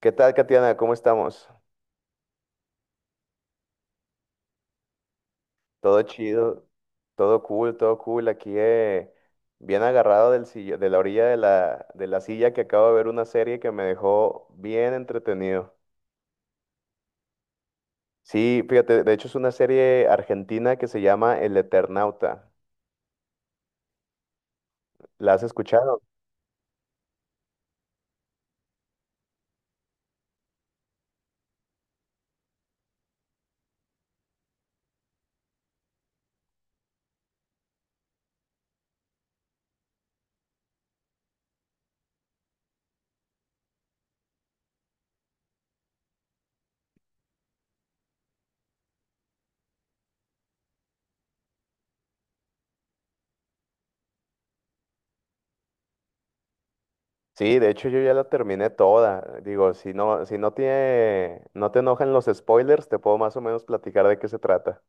¿Qué tal, Katiana? ¿Cómo estamos? Todo chido, todo cool, todo cool. Aquí bien agarrado de la orilla de la silla que acabo de ver una serie que me dejó bien entretenido. Sí, fíjate, de hecho es una serie argentina que se llama El Eternauta. ¿La has escuchado? Sí, de hecho yo ya la terminé toda. Digo, si no, si no tiene, no te enojan los spoilers, te puedo más o menos platicar de qué se trata.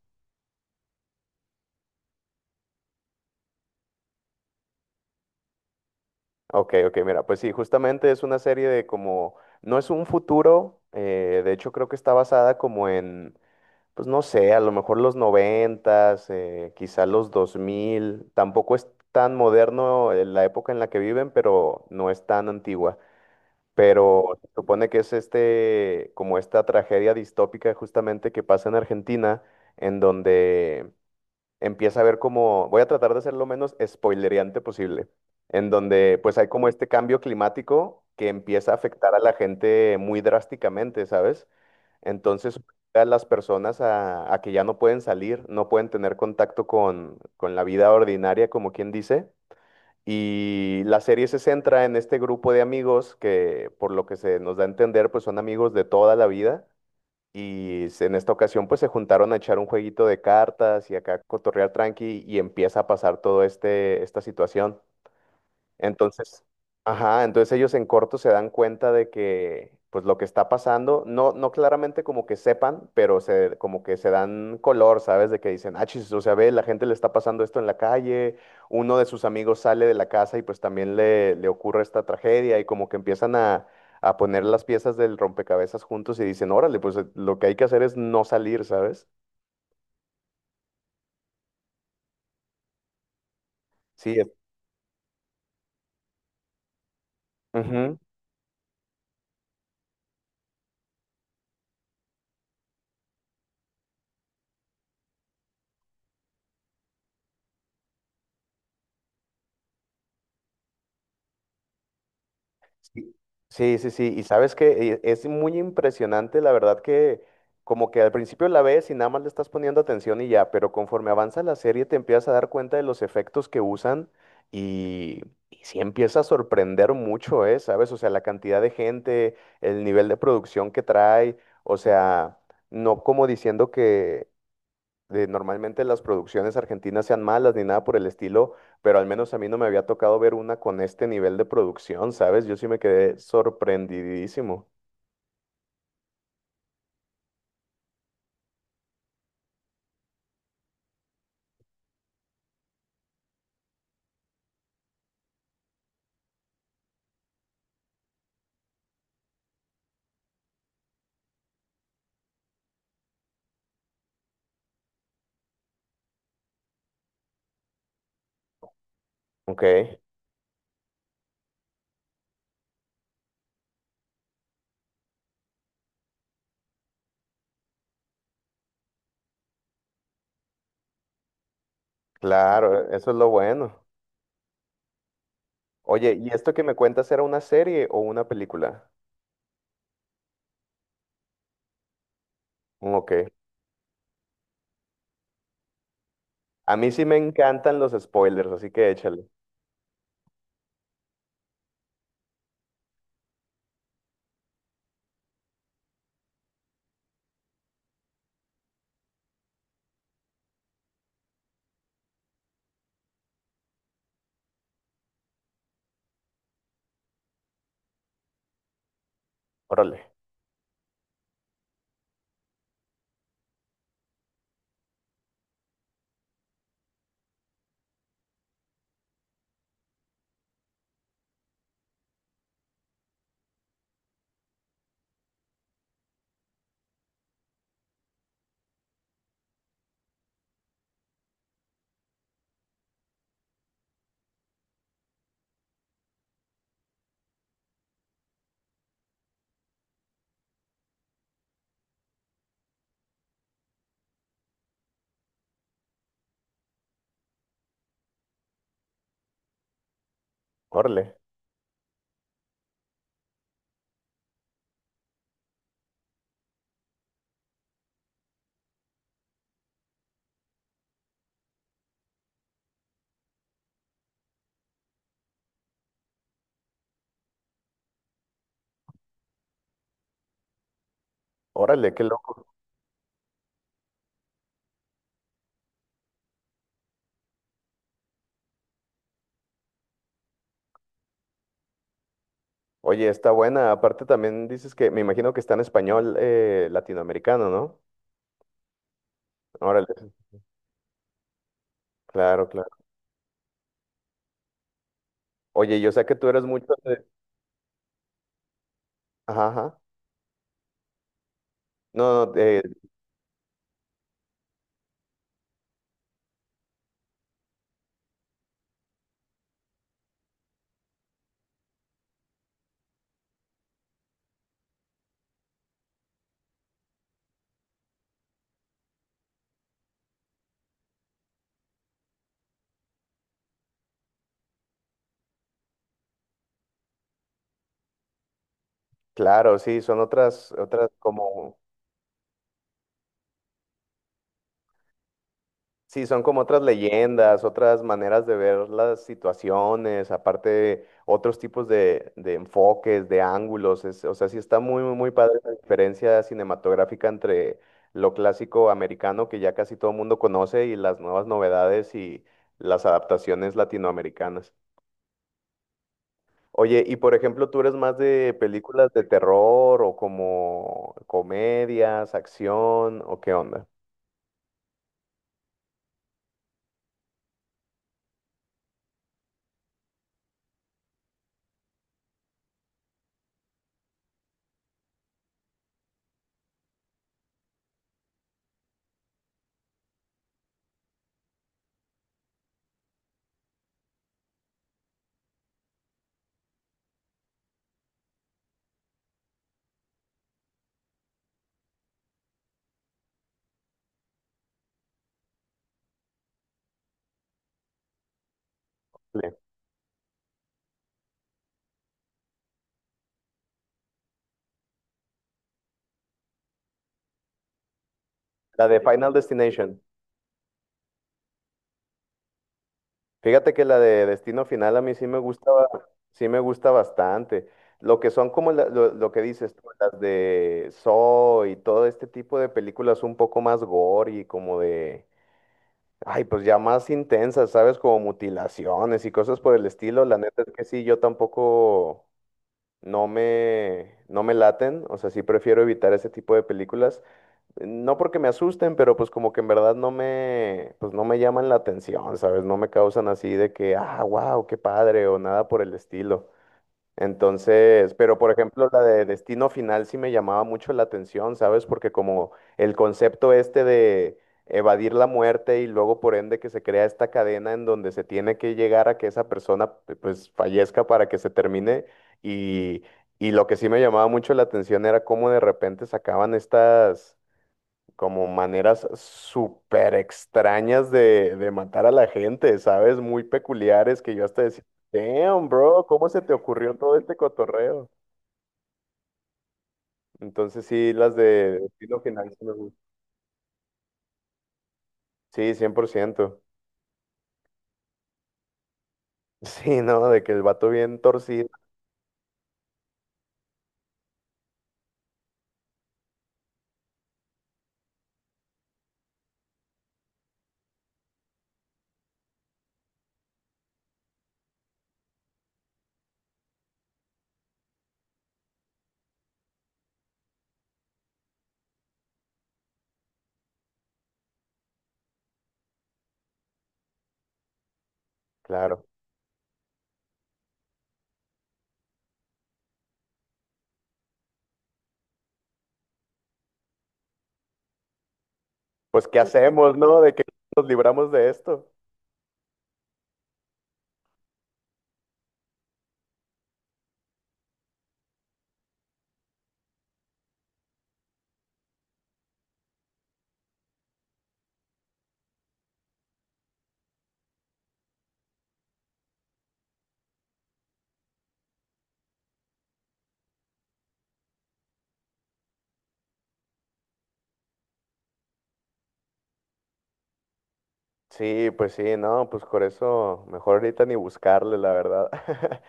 Ok, ok, mira, pues sí, justamente es una serie de como, no es un futuro, de hecho creo que está basada como en, pues no sé, a lo mejor los 90, quizá los 2000, tampoco es tan moderno, la época en la que viven, pero no es tan antigua. Pero se supone que es este, como esta tragedia distópica justamente que pasa en Argentina, en donde empieza a ver como, voy a tratar de ser lo menos spoilereante posible, en donde pues hay como este cambio climático que empieza a afectar a la gente muy drásticamente, ¿sabes? Entonces obliga a las personas a que ya no pueden salir, no pueden tener contacto con la vida ordinaria, como quien dice. Y la serie se centra en este grupo de amigos que, por lo que se nos da a entender, pues son amigos de toda la vida y en esta ocasión pues se juntaron a echar un jueguito de cartas y acá a cotorrear tranqui y empieza a pasar todo esta situación. Entonces, ajá, entonces ellos en corto se dan cuenta de que, pues lo que está pasando, no, no claramente como que sepan, pero se, como que se dan color, ¿sabes? De que dicen, ah, chis, o sea, ve, la gente le está pasando esto en la calle, uno de sus amigos sale de la casa y pues también le ocurre esta tragedia y como que empiezan a poner las piezas del rompecabezas juntos y dicen, órale, pues lo que hay que hacer es no salir, ¿sabes? Sí, ujú. Sí, sí, sí, sí. Y sabes que, es muy impresionante, la verdad, que como que al principio la ves y nada más le estás poniendo atención y ya, pero conforme avanza la serie te empiezas a dar cuenta de los efectos que usan y, y sí empieza a sorprender mucho, ¿eh? ¿Sabes? O sea, la cantidad de gente, el nivel de producción que trae, o sea, no como diciendo que, normalmente las producciones argentinas sean malas ni nada por el estilo, pero al menos a mí no me había tocado ver una con este nivel de producción, ¿sabes? Yo sí me quedé sorprendidísimo. Ok, claro, e, eso es lo bueno. Oye, ¿y esto que me cuentas era una serie o una película? Ok. A mí sí me encantan los spoilers, así que échale. Órale, órale, órale, qué loco. Oye, está buena. Aparte también dices que me imagino que está en español, latinoamericano, ¿no? Órale, claro, claro. Oye, yo sé que tú eres mucho de… Ajá, ajá. No, no, claro, sí, son otras, otras como, sí, son como otras leyendas, otras maneras de ver las situaciones, aparte otros tipos de enfoques, de ángulos, es… o sea, sí está muy, muy, muy padre la diferencia cinematográfica entre lo clásico americano que ya casi todo el mundo conoce y las nuevas novedades y las adaptaciones latinoamericanas. Oye, y por ejemplo, ¿tú eres más de películas de terror o como comedias, acción o qué onda? Sí. La de Final Destination. Fíjate que la de Destino Final a mí sí me gusta, sí me gusta bastante. Lo que son como lo que dices tú, las de Saw y todo este tipo de películas un poco más gore y como de, ay, pues ya más intensas, ¿sabes? Como mutilaciones y cosas por el estilo. La neta es que sí, yo tampoco. No me laten, o sea, sí prefiero evitar ese tipo de películas, no porque me asusten, pero pues como que en verdad no me, pues no me llaman la atención, ¿sabes? No me causan así de que, ah, wow, qué padre, o nada por el estilo. Entonces, pero por ejemplo, la de Destino Final sí me llamaba mucho la atención, ¿sabes? Porque como el concepto este de evadir la muerte y luego por ende que se crea esta cadena en donde se tiene que llegar a que esa persona pues fallezca para que se termine y, y lo que sí me llamaba mucho la atención era cómo de repente sacaban estas como maneras súper extrañas de matar a la gente, ¿sabes? Muy peculiares que yo hasta decía, damn, bro, ¿cómo se te ocurrió todo este cotorreo? Entonces sí, las de estilo final sí me gustan. Sí, 100%. Sí, ¿no? De que el vato bien torcido, claro. Pues, ¿qué hacemos, no? De que nos libramos de esto. Sí, pues sí, no, pues por eso mejor ahorita ni buscarle, la verdad.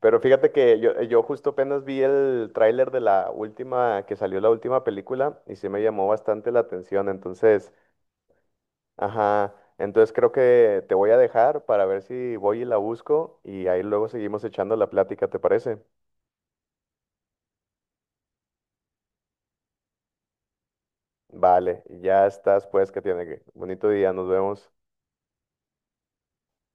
Pero fíjate que yo justo apenas vi el tráiler de la última, que salió la última película y sí me llamó bastante la atención. Entonces, ajá, entonces creo que te voy a dejar para ver si voy y la busco y ahí luego seguimos echando la plática, ¿te parece? Vale, ya estás, pues, que tiene que. Bonito día, nos vemos.